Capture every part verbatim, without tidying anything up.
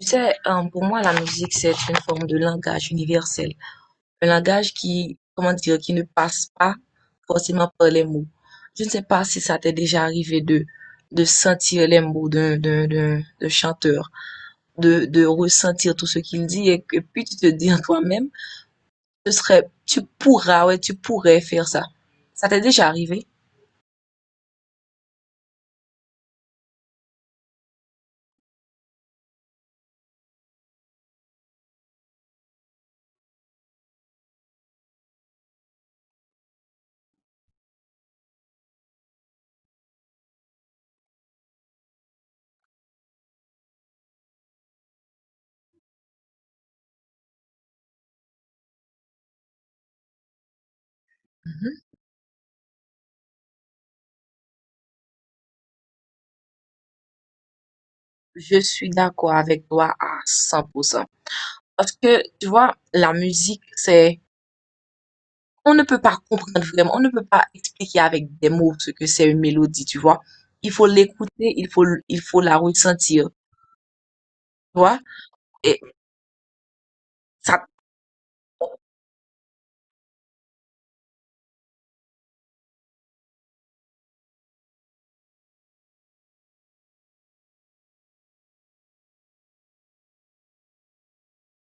Tu sais, euh, pour moi, la musique, c'est une forme de langage universel, un langage qui, comment dire, qui ne passe pas forcément par les mots. Je ne sais pas si ça t'est déjà arrivé de, de sentir les mots d'un, d'un, d'un, d'un chanteur, de, de ressentir tout ce qu'il dit et, que puis tu te dis en toi-même, ce serait, tu pourras, ouais, tu pourrais faire ça. Ça t'est déjà arrivé? Mhm. Je suis d'accord avec toi à cent pour cent. Parce que, tu vois, la musique, c'est on ne peut pas comprendre vraiment, on ne peut pas expliquer avec des mots ce que c'est une mélodie, tu vois. Il faut l'écouter, il faut, il faut la ressentir, tu vois. Et ça,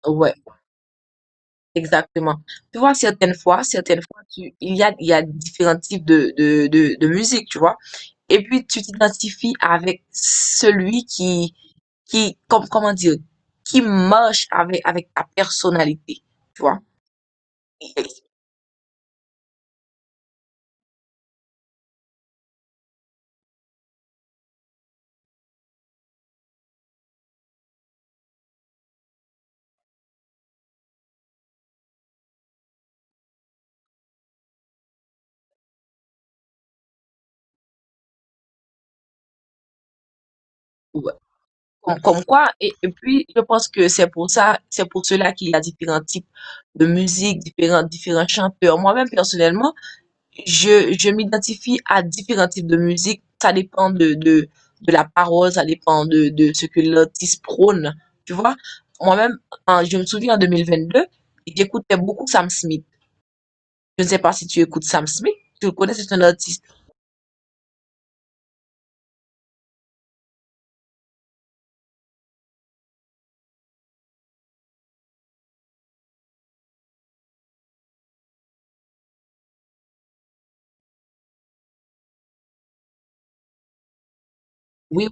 ouais, exactement. Tu vois, certaines fois, certaines fois, tu, il y a, il y a différents types de, de, de, de musique, tu vois. Et puis, tu t'identifies avec celui qui, qui, comme, comment dire, qui marche avec, avec ta personnalité, tu vois. Comme, comme quoi, et, et puis je pense que c'est pour ça, c'est pour cela qu'il y a différents types de musique, différents, différents chanteurs. Moi-même, personnellement, je, je m'identifie à différents types de musique. Ça dépend de, de, de la parole, ça dépend de, de ce que l'artiste prône. Tu vois, moi-même, en- je me souviens en deux mille vingt-deux, j'écoutais beaucoup Sam Smith. Je ne sais pas si tu écoutes Sam Smith. Tu le connais, c'est un artiste. Oui.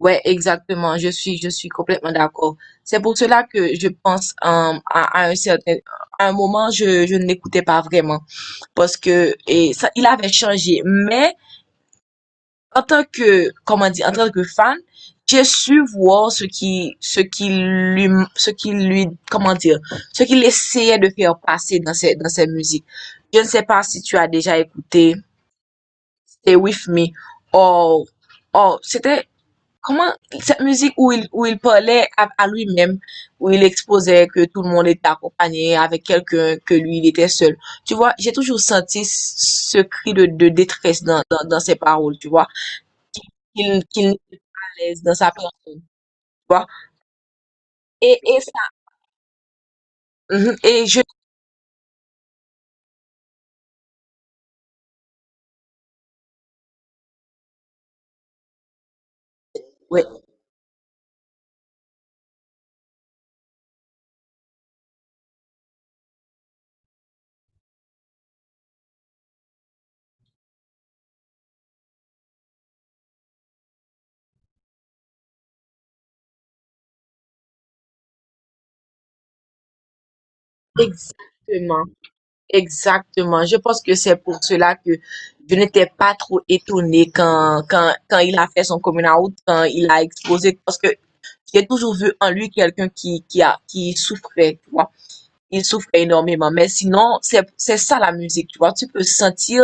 Ouais, exactement. Je suis, je suis complètement d'accord. C'est pour cela que je pense euh, à, à un certain, à un moment, je, je ne l'écoutais pas vraiment parce que et ça, il avait changé. Mais en tant que, comment dire, en tant que fan, j'ai su voir ce qui, ce qui lui, ce qui lui, comment dire, ce qu'il essayait de faire passer dans ses, dans ses musiques. Je ne sais pas si tu as déjà écouté Stay With Me. Or, or c'était Comment cette musique où il, où il parlait à, à lui-même, où il exposait que tout le monde était accompagné avec quelqu'un, que lui, il était seul. Tu vois, j'ai toujours senti ce cri de, de détresse dans, dans, dans ses paroles, tu vois, qu'il qu'il n'était pas à l'aise dans sa personne, tu vois. Et, et ça, mhm, et je, ouais, exactement, exactement. Je pense que c'est pour cela que je n'étais pas trop étonnée quand, quand, quand il a fait son coming out, quand il a exposé, parce que j'ai toujours vu en lui quelqu'un qui, qui a, qui souffrait, tu vois. Il souffrait énormément. Mais sinon, c'est, c'est ça la musique, tu vois. Tu peux sentir,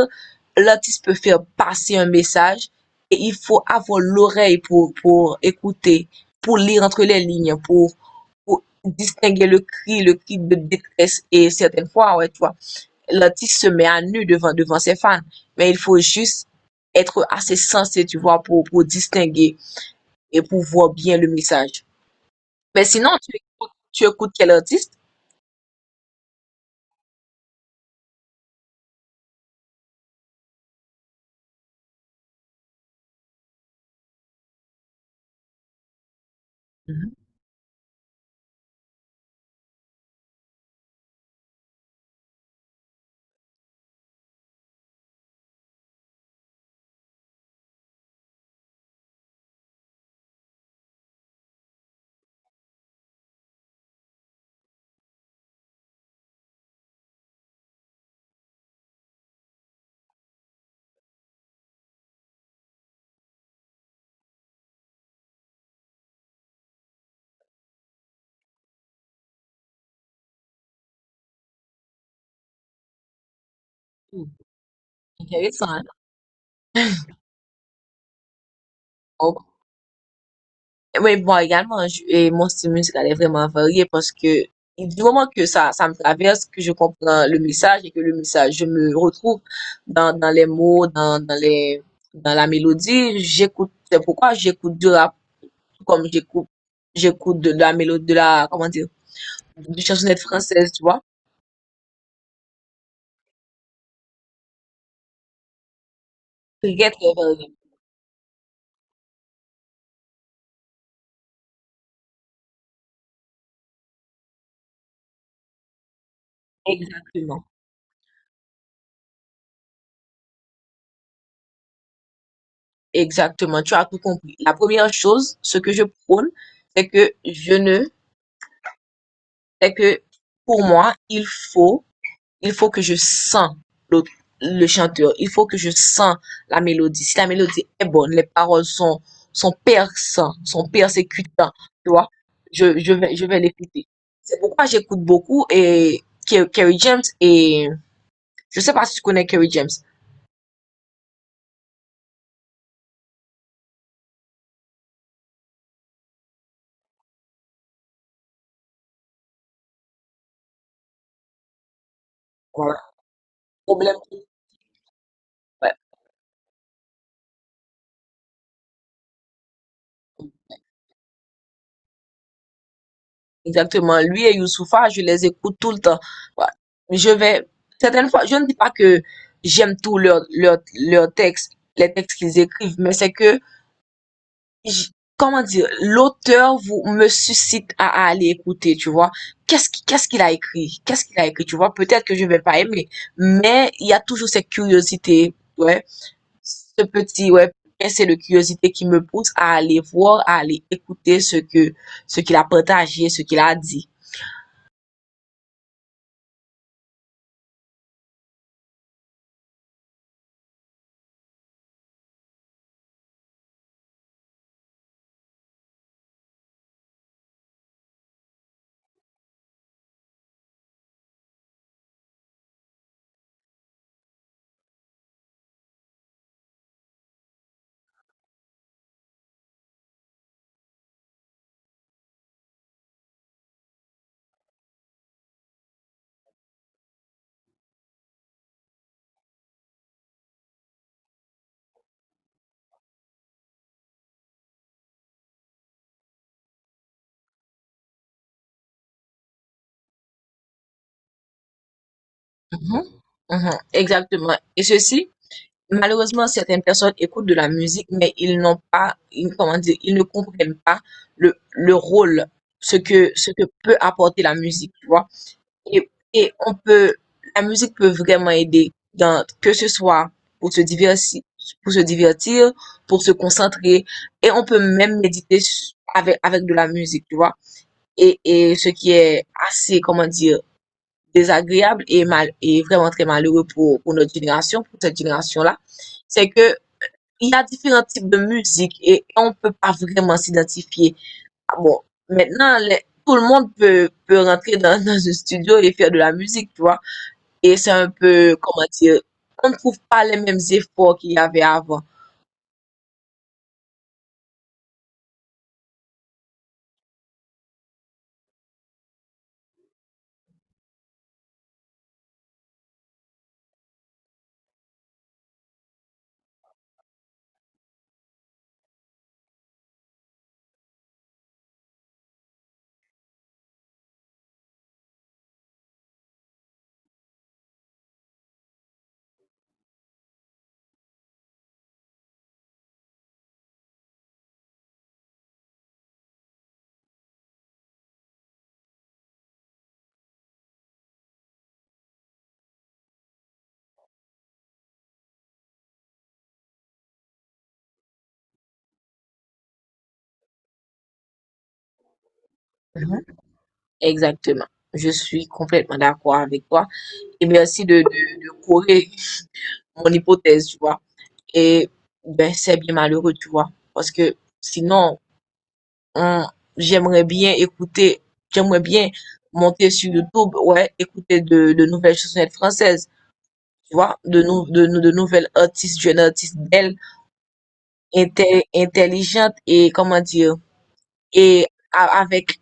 l'artiste peut faire passer un message et il faut avoir l'oreille pour, pour écouter, pour lire entre les lignes, pour, pour distinguer le cri, le cri de détresse. Et certaines fois, ouais, tu vois, l'artiste se met à nu devant, devant ses fans. Mais il faut juste être assez sensé, tu vois, pour, pour distinguer et pour voir bien le message. Mais sinon, tu écoutes, tu écoutes quel artiste? Mhm. Hmm, intéressant, hein? Oh. Mais bon, également, je- et mon style musical est vraiment varié parce que du moment que ça, ça me traverse, que je comprends le message et que le message, je me retrouve dans, dans les mots, dans, dans les, dans la mélodie, j'écoute, c'est pourquoi j'écoute du rap, tout comme j'écoute, j'écoute de, la mélodie, de la, comment dire, de chansonnette française, tu vois? Très, très varié. Exactement. Exactement, tu as tout compris. La première chose, ce que je prône, c'est que je ne, c'est que pour moi, il faut, il faut que je sens l'autre- le chanteur, il faut que je sens la mélodie. Si la mélodie est bonne, les paroles sont, sont perçantes, sont persécutantes, tu vois, je, je vais, je vais l'écouter. C'est pourquoi j'écoute beaucoup et Ke- Kerry James et je sais pas si tu connais Kerry James. Voilà. Problème. Ouais. Exactement. Lui et Youssoupha, je les écoute tout le temps. Ouais. Je vais, certaines fois, je ne dis pas que j'aime tout leur, leur, leur texte, les textes qu'ils écrivent, mais c'est que, j- comment dire, l'auteur vous, me suscite à, à aller écouter, tu vois. Qu'est-ce qui- qu'est-ce qu'il a écrit? Qu'est-ce qu'il a écrit, tu vois? Peut-être que je vais pas aimer, mais il y a toujours cette curiosité, ouais. Ce petit, ouais. C'est le curiosité qui me pousse à aller voir, à aller écouter ce que, ce qu'il a partagé, ce qu'il a dit. Mhm, mhm, exactement. Et ceci, malheureusement, certaines personnes écoutent de la musique, mais ils n'ont pas, ils- comment dire, ils ne comprennent pas le, le rôle, ce que, ce que peut apporter la musique, tu vois. Et, et on peut, la musique peut vraiment aider dans, que ce soit pour se divertir, pour se divertir, pour se concentrer, et on peut même méditer s- avec, avec de la musique, tu vois. Et, et ce qui est assez, comment dire, désagréable et, mal, et vraiment très malheureux pour, pour notre génération, pour cette génération-là, c'est que il y a différents types de musique et on peut pas vraiment s'identifier. Ah bon, maintenant, les- tout le monde peut, peut rentrer dans, dans un studio et faire de la musique, tu vois. Et c'est un peu, comment dire, on ne trouve pas les mêmes efforts qu'il y avait avant. Mhm. Exactement. Je suis complètement d'accord avec toi. Et merci de, de, de corriger mon hypothèse, tu vois. Et ben, c'est bien malheureux, tu vois. Parce que sinon, on- j'aimerais bien écouter, j'aimerais bien monter sur YouTube, ouais, écouter de, de nouvelles chansonnettes françaises, tu vois, de, nou, de, nou- de nouvelles artistes, jeunes artistes belles, intel- intelligentes et, comment dire, et a- avec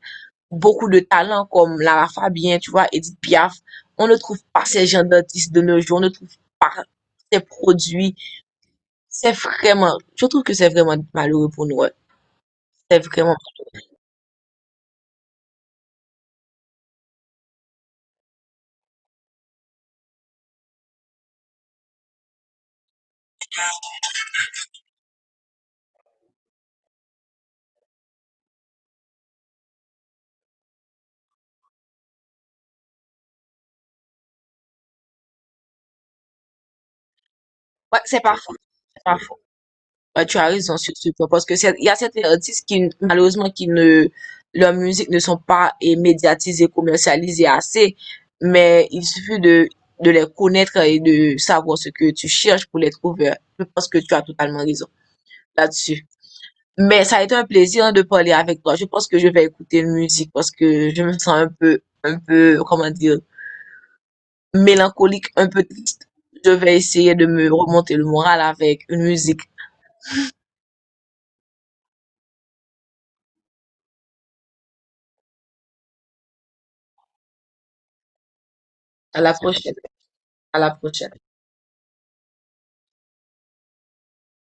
beaucoup de talents comme Lara Fabian, tu vois, Edith Piaf. On ne trouve pas ces gens d'artistes de nos jours, on ne trouve pas ces produits. C'est vraiment, je trouve que c'est vraiment malheureux pour nous. Ouais. C'est vraiment, ouais, c'est pas faux, c'est pas faux. Ouais, tu as raison sur ce point parce que c'est- il y a certains artistes qui, malheureusement, qui ne, leur musique ne sont pas eh, médiatisées, commercialisées assez, mais il suffit de, de les connaître et de savoir ce que tu cherches pour les trouver, hein. Je pense que tu as totalement raison là-dessus. Mais ça a été un plaisir, hein, de parler avec toi. Je pense que je vais écouter une musique parce que je me sens un peu, un peu, comment dire, mélancolique, un peu triste. Je vais essayer de me remonter le moral avec une musique. À la prochaine. À la prochaine.